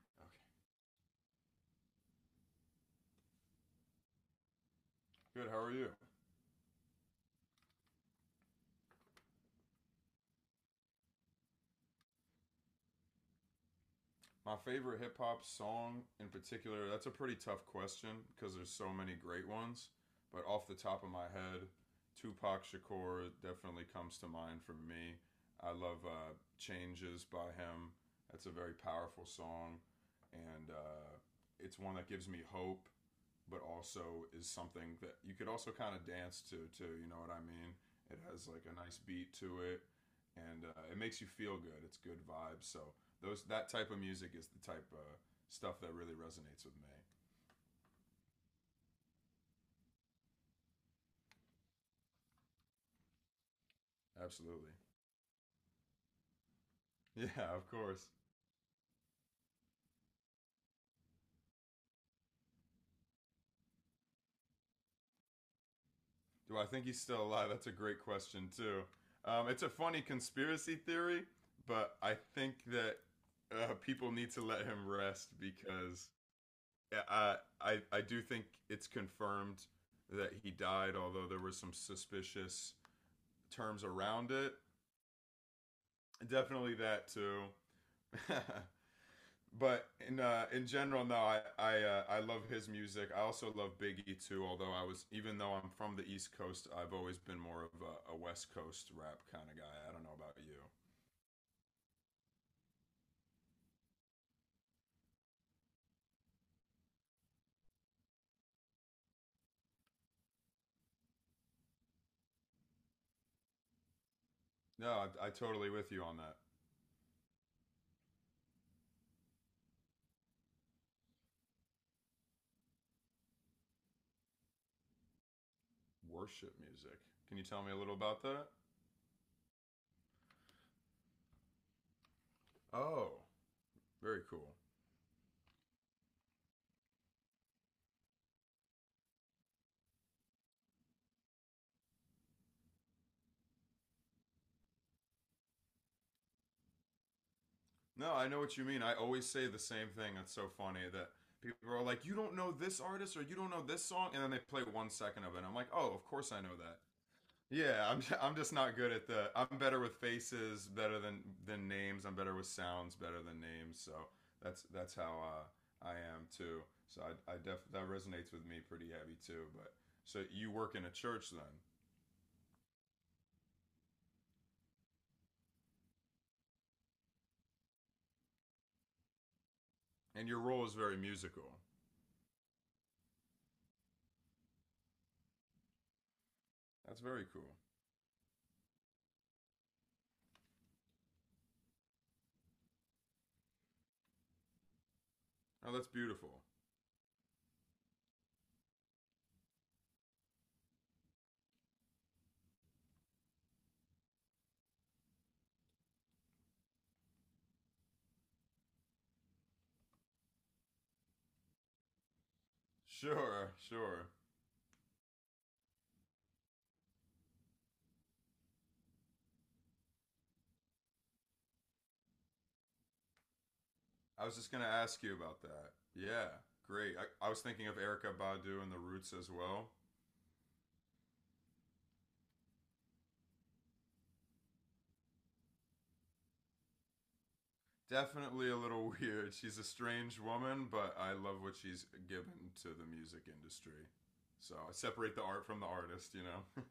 Okay. Good. How are you? My favorite hip hop song in particular, that's a pretty tough question because there's so many great ones. But off the top of my head, Tupac Shakur definitely comes to mind for me. I love Changes by him. That's a very powerful song. And it's one that gives me hope, but also is something that you could also kind of dance to, too. You know what I mean? It has like a nice beat to it and it makes you feel good. It's good vibes. So those, that type of music is the type of stuff that really resonates with me. Absolutely. Yeah, of course. Do I think he's still alive? That's a great question too. It's a funny conspiracy theory, but I think that people need to let him rest because, yeah, I do think it's confirmed that he died, although there were some suspicious terms around it. Definitely that too. But in general, no, I love his music. I also love Biggie too. Although I was, even though I'm from the East Coast, I've always been more of a, West Coast rap kind of guy. I don't know about you. No, I totally with you on that. Worship music. Can you tell me a little about that? Oh, very cool. No, I know what you mean. I always say the same thing. That's so funny that people are like, "You don't know this artist or you don't know this song," and then they play 1 second of it. I'm like, "Oh, of course I know that." Yeah, I'm I'm just not good at the. I'm better with faces, better than names. I'm better with sounds, better than names. So that's how I am too. So I def that resonates with me pretty heavy too. But so you work in a church then, and your role is very musical. That's very cool. Oh, that's beautiful. Sure, sure. I was just gonna ask you about that. Yeah, great. I was thinking of Erica Badu and the Roots as well. Definitely a little weird. She's a strange woman, but I love what she's given to the music industry. So I separate the art from the artist, you know?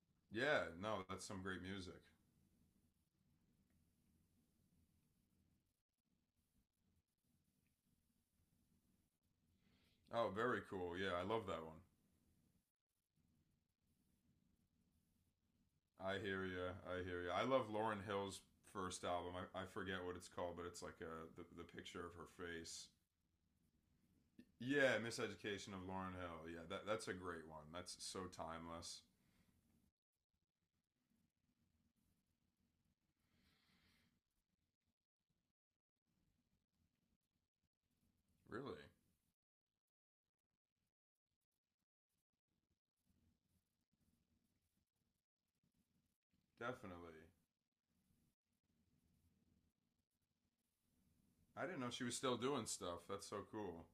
Yeah, no, that's some great music. Oh, very cool. Yeah, I love that one. I hear you. I hear you. I love Lauren Hill's first album. I forget what it's called, but it's like the picture of her face. Yeah, Miseducation of Lauren Hill. Yeah, that's a great one. That's so timeless. Really? Definitely. I didn't know she was still doing stuff. That's so cool.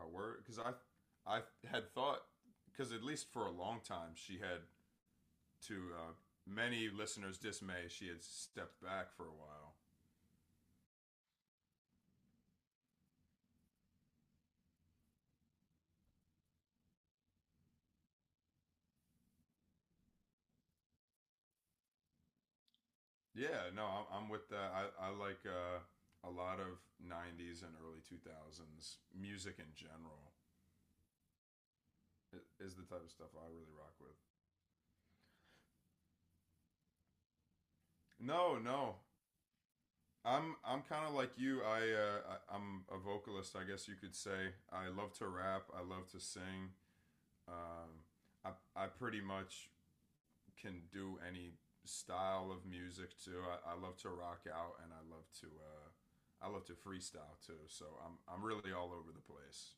Oh, word, because I had thought, because at least for a long time she had, to many listeners' dismay, she had stepped back for a while. Yeah, no, I'm with that. I like a lot of '90s and early 2000s music in general. Is the type of stuff I really rock with. No, no, I'm kind of like you. I'm a vocalist, I guess you could say. I love to rap. I love to sing. Um, I I pretty much can do any style of music too. I love to rock out and I love to freestyle too. So I'm really all over the place.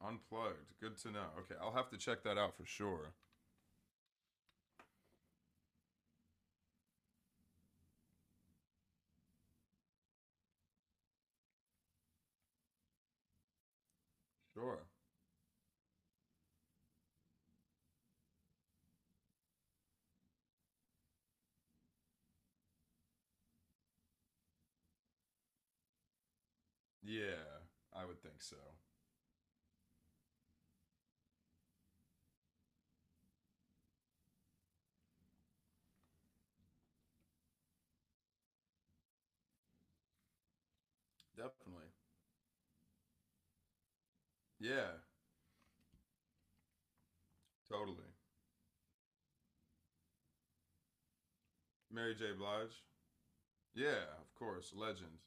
Unplugged. Good to know. Okay, I'll have to check that out for sure. Sure. Yeah, I would think so. Definitely. Yeah, totally. Mary J. Blige. Yeah, of course. Legend.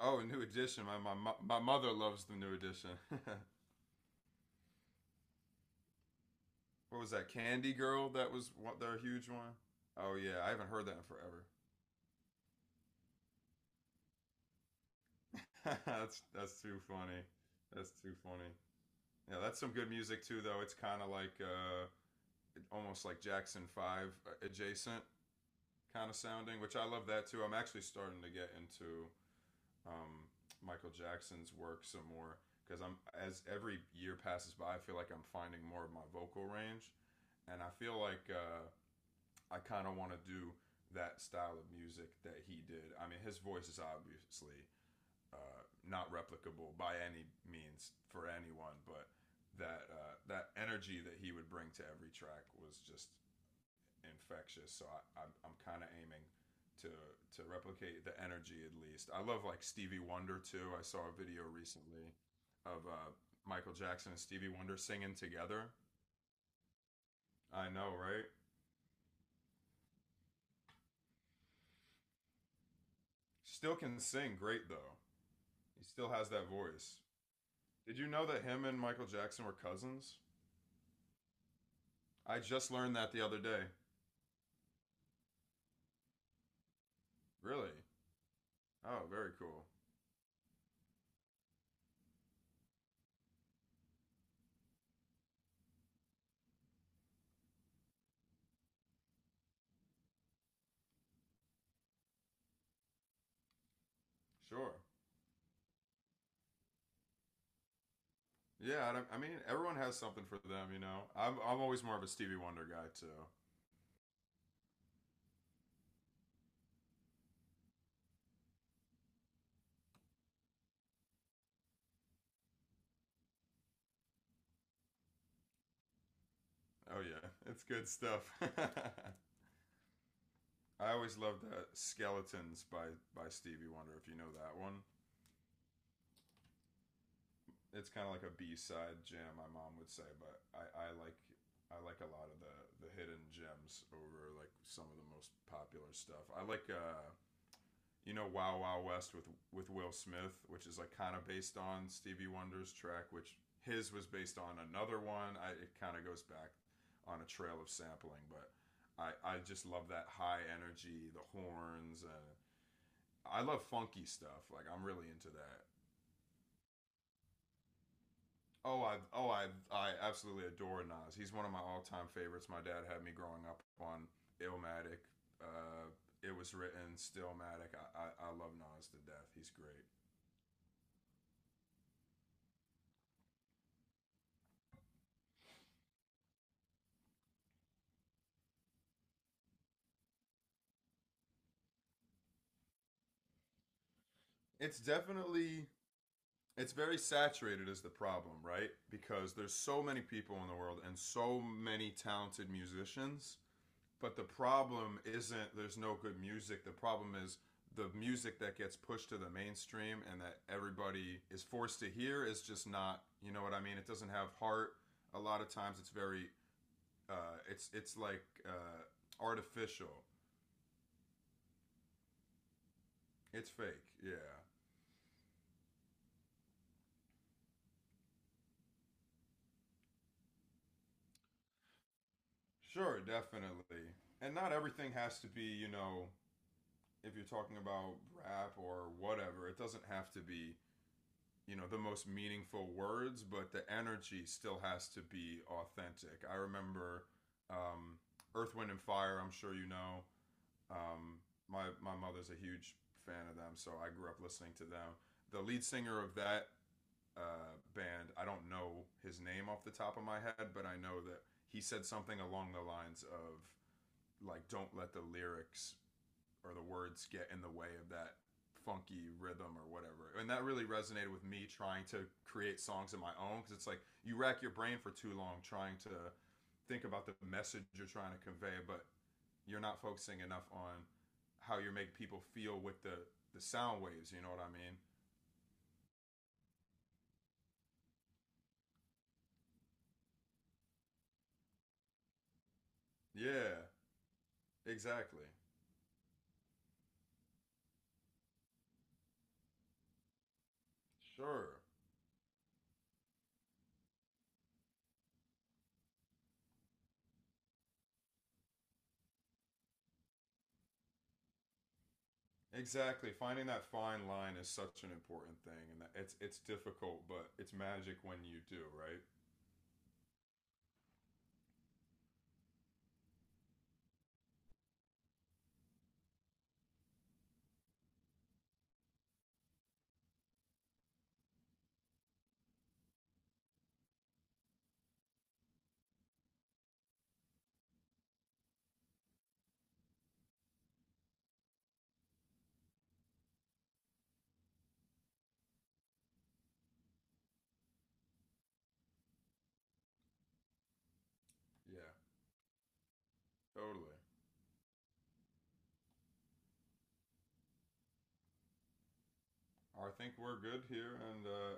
Oh, New Edition. My mother loves the New Edition. What was that? Candy Girl. That was what their huge one. Oh yeah, I haven't heard that in forever. That's too funny. That's too funny. Yeah, that's some good music too, though. It's kind of like almost like Jackson Five adjacent kind of sounding, which I love that too. I'm actually starting to get into um, Michael Jackson's work some more because, I'm as every year passes by, I feel like I'm finding more of my vocal range, and I feel like I kind of want to do that style of music that he did. I mean, his voice is obviously not replicable by any means for anyone, but that energy that he would bring to every track was just infectious. So I'm kind of aiming to to replicate the energy at least. I love like Stevie Wonder too. I saw a video recently of Michael Jackson and Stevie Wonder singing together. I know, right? Still can sing great though. He still has that voice. Did you know that him and Michael Jackson were cousins? I just learned that the other day. Really? Oh, very cool. Sure. Yeah, I, don't- I mean, everyone has something for them, you know. I'm always more of a Stevie Wonder guy too. Oh yeah, it's good stuff. I always loved that "Skeletons" by Stevie Wonder. If you know that one, it's kind of like a B side jam. My mom would say, but I like a lot of the hidden gems over like some of the most popular stuff. I like you know Wow Wow West with Will Smith, which is like kind of based on Stevie Wonder's track, which his was based on another one. It kind of goes back on a trail of sampling, but I just love that high energy, the horns, and I love funky stuff. Like I'm really into that. Oh, I absolutely adore Nas. He's one of my all-time favorites. My dad had me growing up on Illmatic. Uh, it was written Stillmatic. I love Nas to death. He's great. It's definitely it's very saturated is the problem, right? Because there's so many people in the world and so many talented musicians, but the problem isn't there's no good music. The problem is the music that gets pushed to the mainstream and that everybody is forced to hear is just not, you know what I mean? It doesn't have heart. A lot of times it's very it's like artificial. It's fake. Yeah. Sure, definitely. And not everything has to be, if you're talking about rap or whatever, it doesn't have to be, the most meaningful words, but the energy still has to be authentic. I remember um, Earth, Wind, and Fire, I'm sure you know. Um, my mother's a huge fan of them, so I grew up listening to them. The lead singer of that band, I don't know his name off the top of my head, but I know that he said something along the lines of, like, don't let the lyrics or the words get in the way of that funky rhythm or whatever. And that really resonated with me trying to create songs of my own because it's like you rack your brain for too long trying to think about the message you're trying to convey, but you're not focusing enough on how you make people feel with the sound waves. You know what I mean? Yeah, exactly. Sure. Exactly. Finding that fine line is such an important thing, and that it's difficult, but it's magic when you do, right? Yeah, totally. I think we're good here, and